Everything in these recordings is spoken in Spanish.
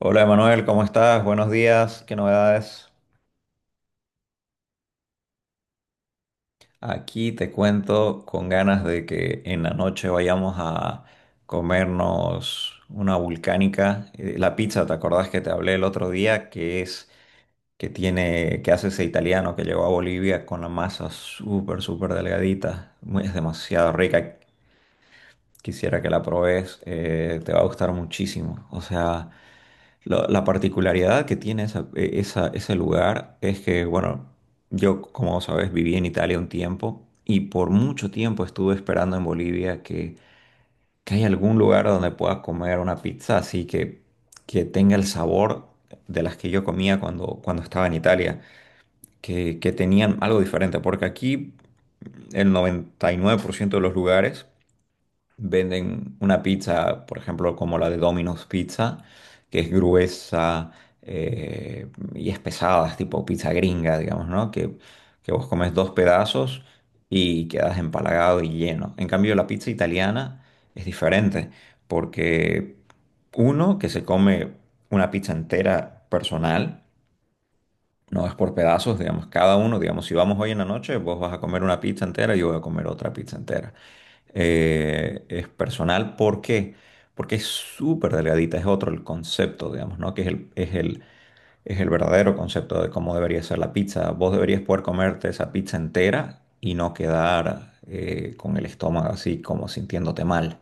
Hola Emanuel, ¿cómo estás? Buenos días, ¿qué novedades? Aquí te cuento con ganas de que en la noche vayamos a comernos una vulcánica. La pizza, ¿te acordás que te hablé el otro día? Que hace ese italiano que llegó a Bolivia con la masa súper, súper delgadita. Es demasiado rica. Quisiera que la probes, te va a gustar muchísimo. O sea. La particularidad que tiene ese lugar es que, bueno, yo, como sabes, viví en Italia un tiempo y por mucho tiempo estuve esperando en Bolivia que haya algún lugar donde pueda comer una pizza así que tenga el sabor de las que yo comía cuando estaba en Italia, que tenían algo diferente, porque aquí el 99% de los lugares venden una pizza, por ejemplo, como la de Domino's Pizza, que es gruesa y es pesada, es tipo pizza gringa, digamos, ¿no? Que vos comes dos pedazos y quedas empalagado y lleno. En cambio, la pizza italiana es diferente, porque uno que se come una pizza entera personal, no es por pedazos, digamos, cada uno, digamos, si vamos hoy en la noche, vos vas a comer una pizza entera y yo voy a comer otra pizza entera. Es personal, ¿por qué? Porque es súper delgadita, es otro el concepto, digamos, ¿no? Que es el verdadero concepto de cómo debería ser la pizza. Vos deberías poder comerte esa pizza entera y no quedar con el estómago así como sintiéndote mal,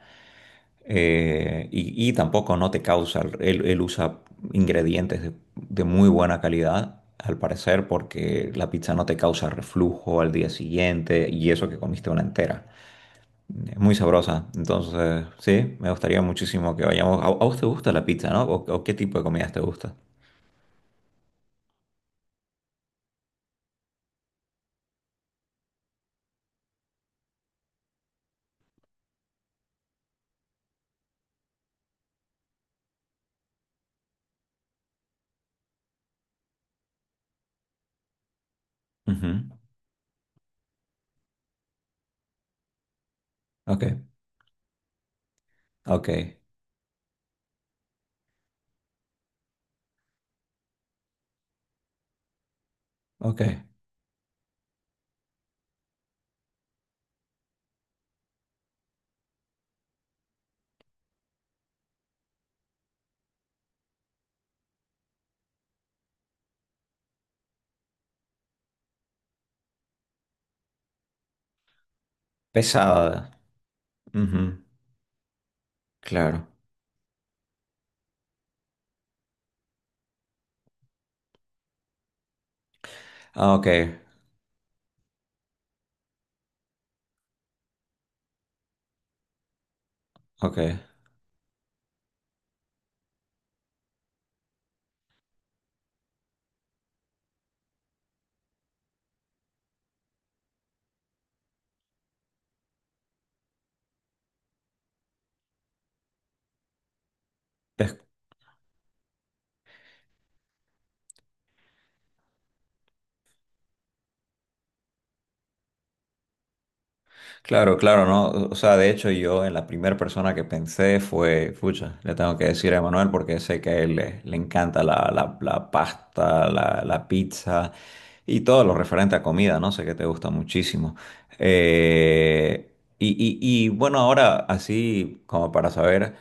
y tampoco no te causa, él usa ingredientes de muy buena calidad, al parecer, porque la pizza no te causa reflujo al día siguiente y eso que comiste una entera. Es muy sabrosa, entonces sí, me gustaría muchísimo que vayamos. ¿A vos te gusta la pizza, no? O qué tipo de comidas te gusta? Ujú. Ok, ok, ok. Pesada. Ujú, claro. Ah, ok, ok. Es. Claro, claro, ¿no? O sea, de hecho yo en la primera persona que pensé fue, pucha, le tengo que decir a Emanuel porque sé que a él le encanta la pasta, la pizza y todo lo referente a comida, ¿no? Sé que te gusta muchísimo. Eh, y, y, y bueno, ahora así como para saber,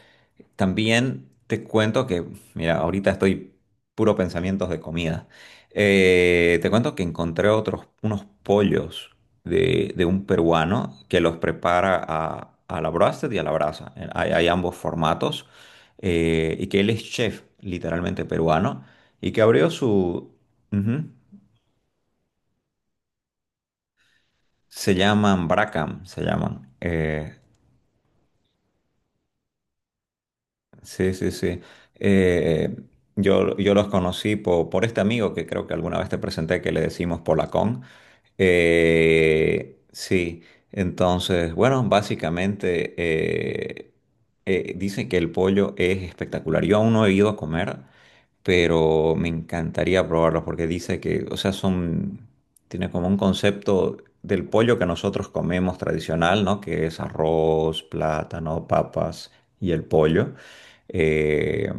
también te cuento que, mira, ahorita estoy puro pensamientos de comida. Te cuento que encontré otros, unos pollos de un peruano que los prepara a la broasted y a la brasa. Hay ambos formatos. Y que él es chef, literalmente peruano, y que abrió su... Ujú. Se llaman Bracam, se llaman. Sí, sí, sí. Eh, yo los conocí por, este amigo que creo que alguna vez te presenté, que le decimos Polacón. Sí, entonces, bueno, básicamente dicen que el pollo es espectacular. Yo aún no he ido a comer, pero me encantaría probarlo porque dice que, o sea, son, tiene como un concepto del pollo que nosotros comemos tradicional, ¿no? Que es arroz, plátano, papas y el pollo. Eh,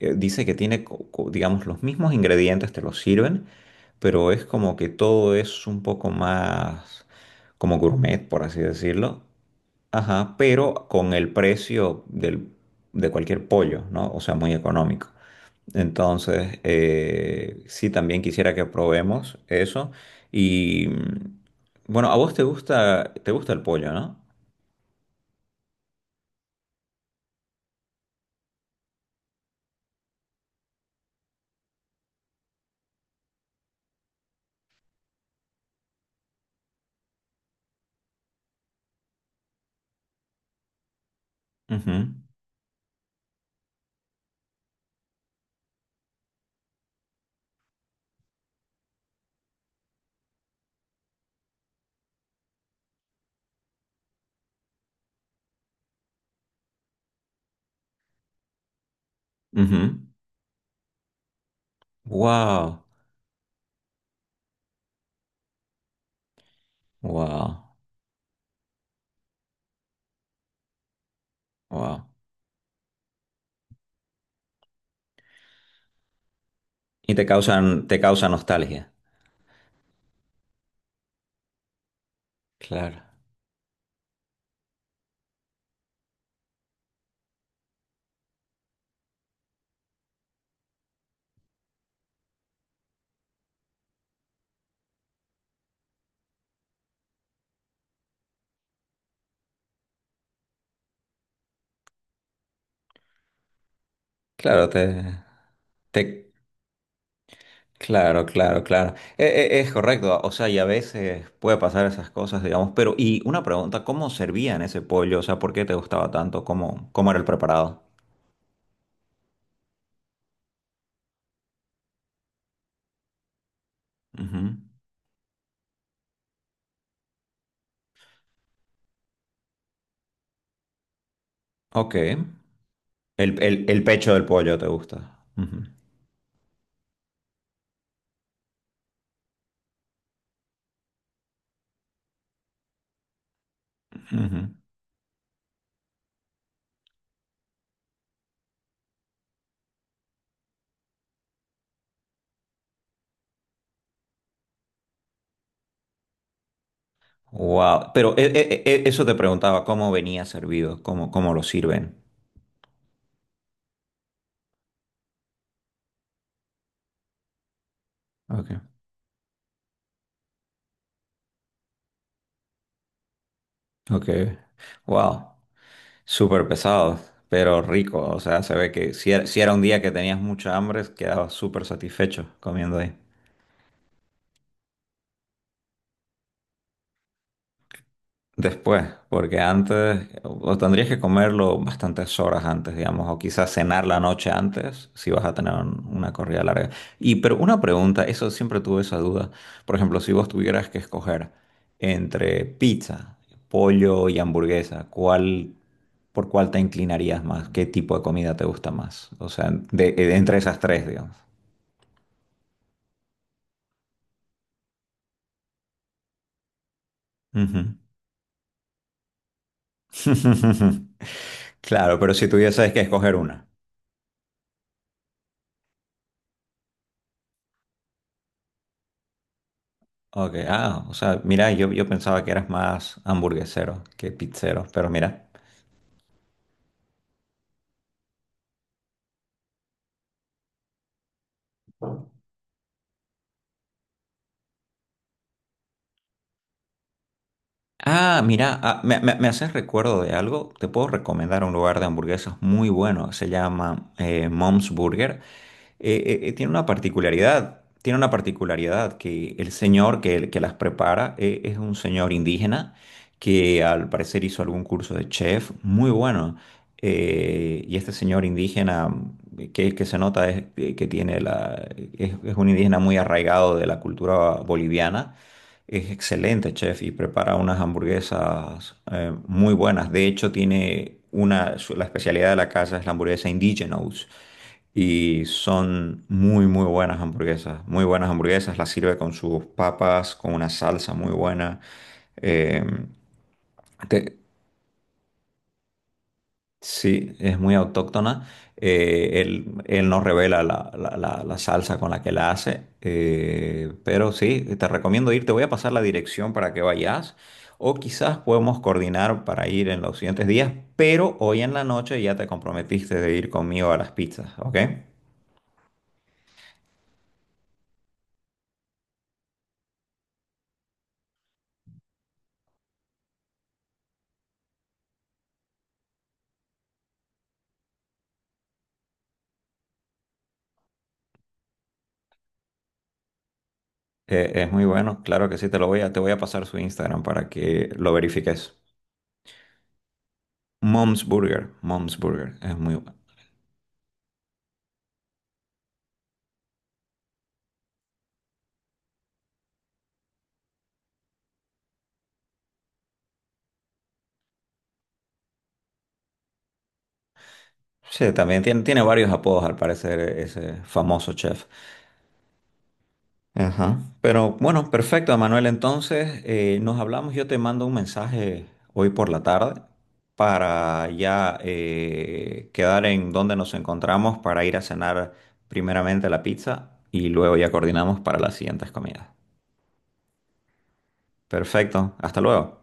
dice que tiene, digamos, los mismos ingredientes, te los sirven, pero es como que todo es un poco más como gourmet, por así decirlo. Ajá, pero con el precio de cualquier pollo, ¿no? O sea, muy económico. Entonces, sí, también quisiera que probemos eso. Y bueno, a vos te gusta el pollo, ¿no? Ujú, ujú. Wow, wow, wow. Y te causa nostalgia. Claro, claro, te, claro, claro, claro. Es, correcto, o sea, y a veces puede pasar esas cosas, digamos, pero, y una pregunta, ¿cómo servían ese pollo? O sea, ¿por qué te gustaba tanto? ¿Cómo, cómo era el preparado? Ujú. Ok. El pecho del pollo te gusta. Wow. Pero eso te preguntaba, ¿cómo venía servido? ¿Cómo, cómo lo sirven? Ok. Ok. Wow. Súper pesado, pero rico. O sea, se ve que si era un día que tenías mucha hambre, quedabas súper satisfecho comiendo ahí. Después, porque antes, o tendrías que comerlo bastantes horas antes, digamos, o quizás cenar la noche antes, si vas a tener una corrida larga. Y pero una pregunta, eso siempre tuve esa duda. Por ejemplo, si vos tuvieras que escoger entre pizza, pollo y hamburguesa, ¿Por cuál te inclinarías más? ¿Qué tipo de comida te gusta más? O sea, de, entre esas tres, digamos. Ujú. Claro, pero si tuvieses que escoger una. Ok, ah, o sea, mira, yo pensaba que eras más hamburguesero que pizzero, pero mira. Ah, mira, ah, me haces recuerdo de algo. Te puedo recomendar un lugar de hamburguesas muy bueno. Se llama Mom's Burger. Tiene una particularidad. Tiene una particularidad que el señor que las prepara, es un señor indígena que al parecer hizo algún curso de chef muy bueno. Y este señor indígena que se nota es, que tiene la, es un indígena muy arraigado de la cultura boliviana, es excelente chef, y prepara unas hamburguesas muy buenas. De hecho, tiene la especialidad de la casa es la hamburguesa Indigenous. Y son muy, muy buenas hamburguesas. Muy buenas hamburguesas. Las sirve con sus papas, con una salsa muy buena. Eh, te- Sí, es muy autóctona. Él nos revela la salsa con la que la hace. Pero sí, te recomiendo ir. Te voy a pasar la dirección para que vayas. O quizás podemos coordinar para ir en los siguientes días. Pero hoy en la noche ya te comprometiste de ir conmigo a las pizzas, ¿ok? Es muy bueno. Claro que sí, te lo voy a, te voy a pasar su Instagram para que lo verifiques. Mom's Burger. Mom's Burger. Es muy bueno. Sí, también tiene, tiene varios apodos al parecer ese famoso chef. Ajá. Pero bueno, perfecto, Manuel. Entonces, nos hablamos. Yo te mando un mensaje hoy por la tarde para ya quedar en donde nos encontramos para ir a cenar primeramente la pizza y luego ya coordinamos para las siguientes comidas. Perfecto. Hasta luego.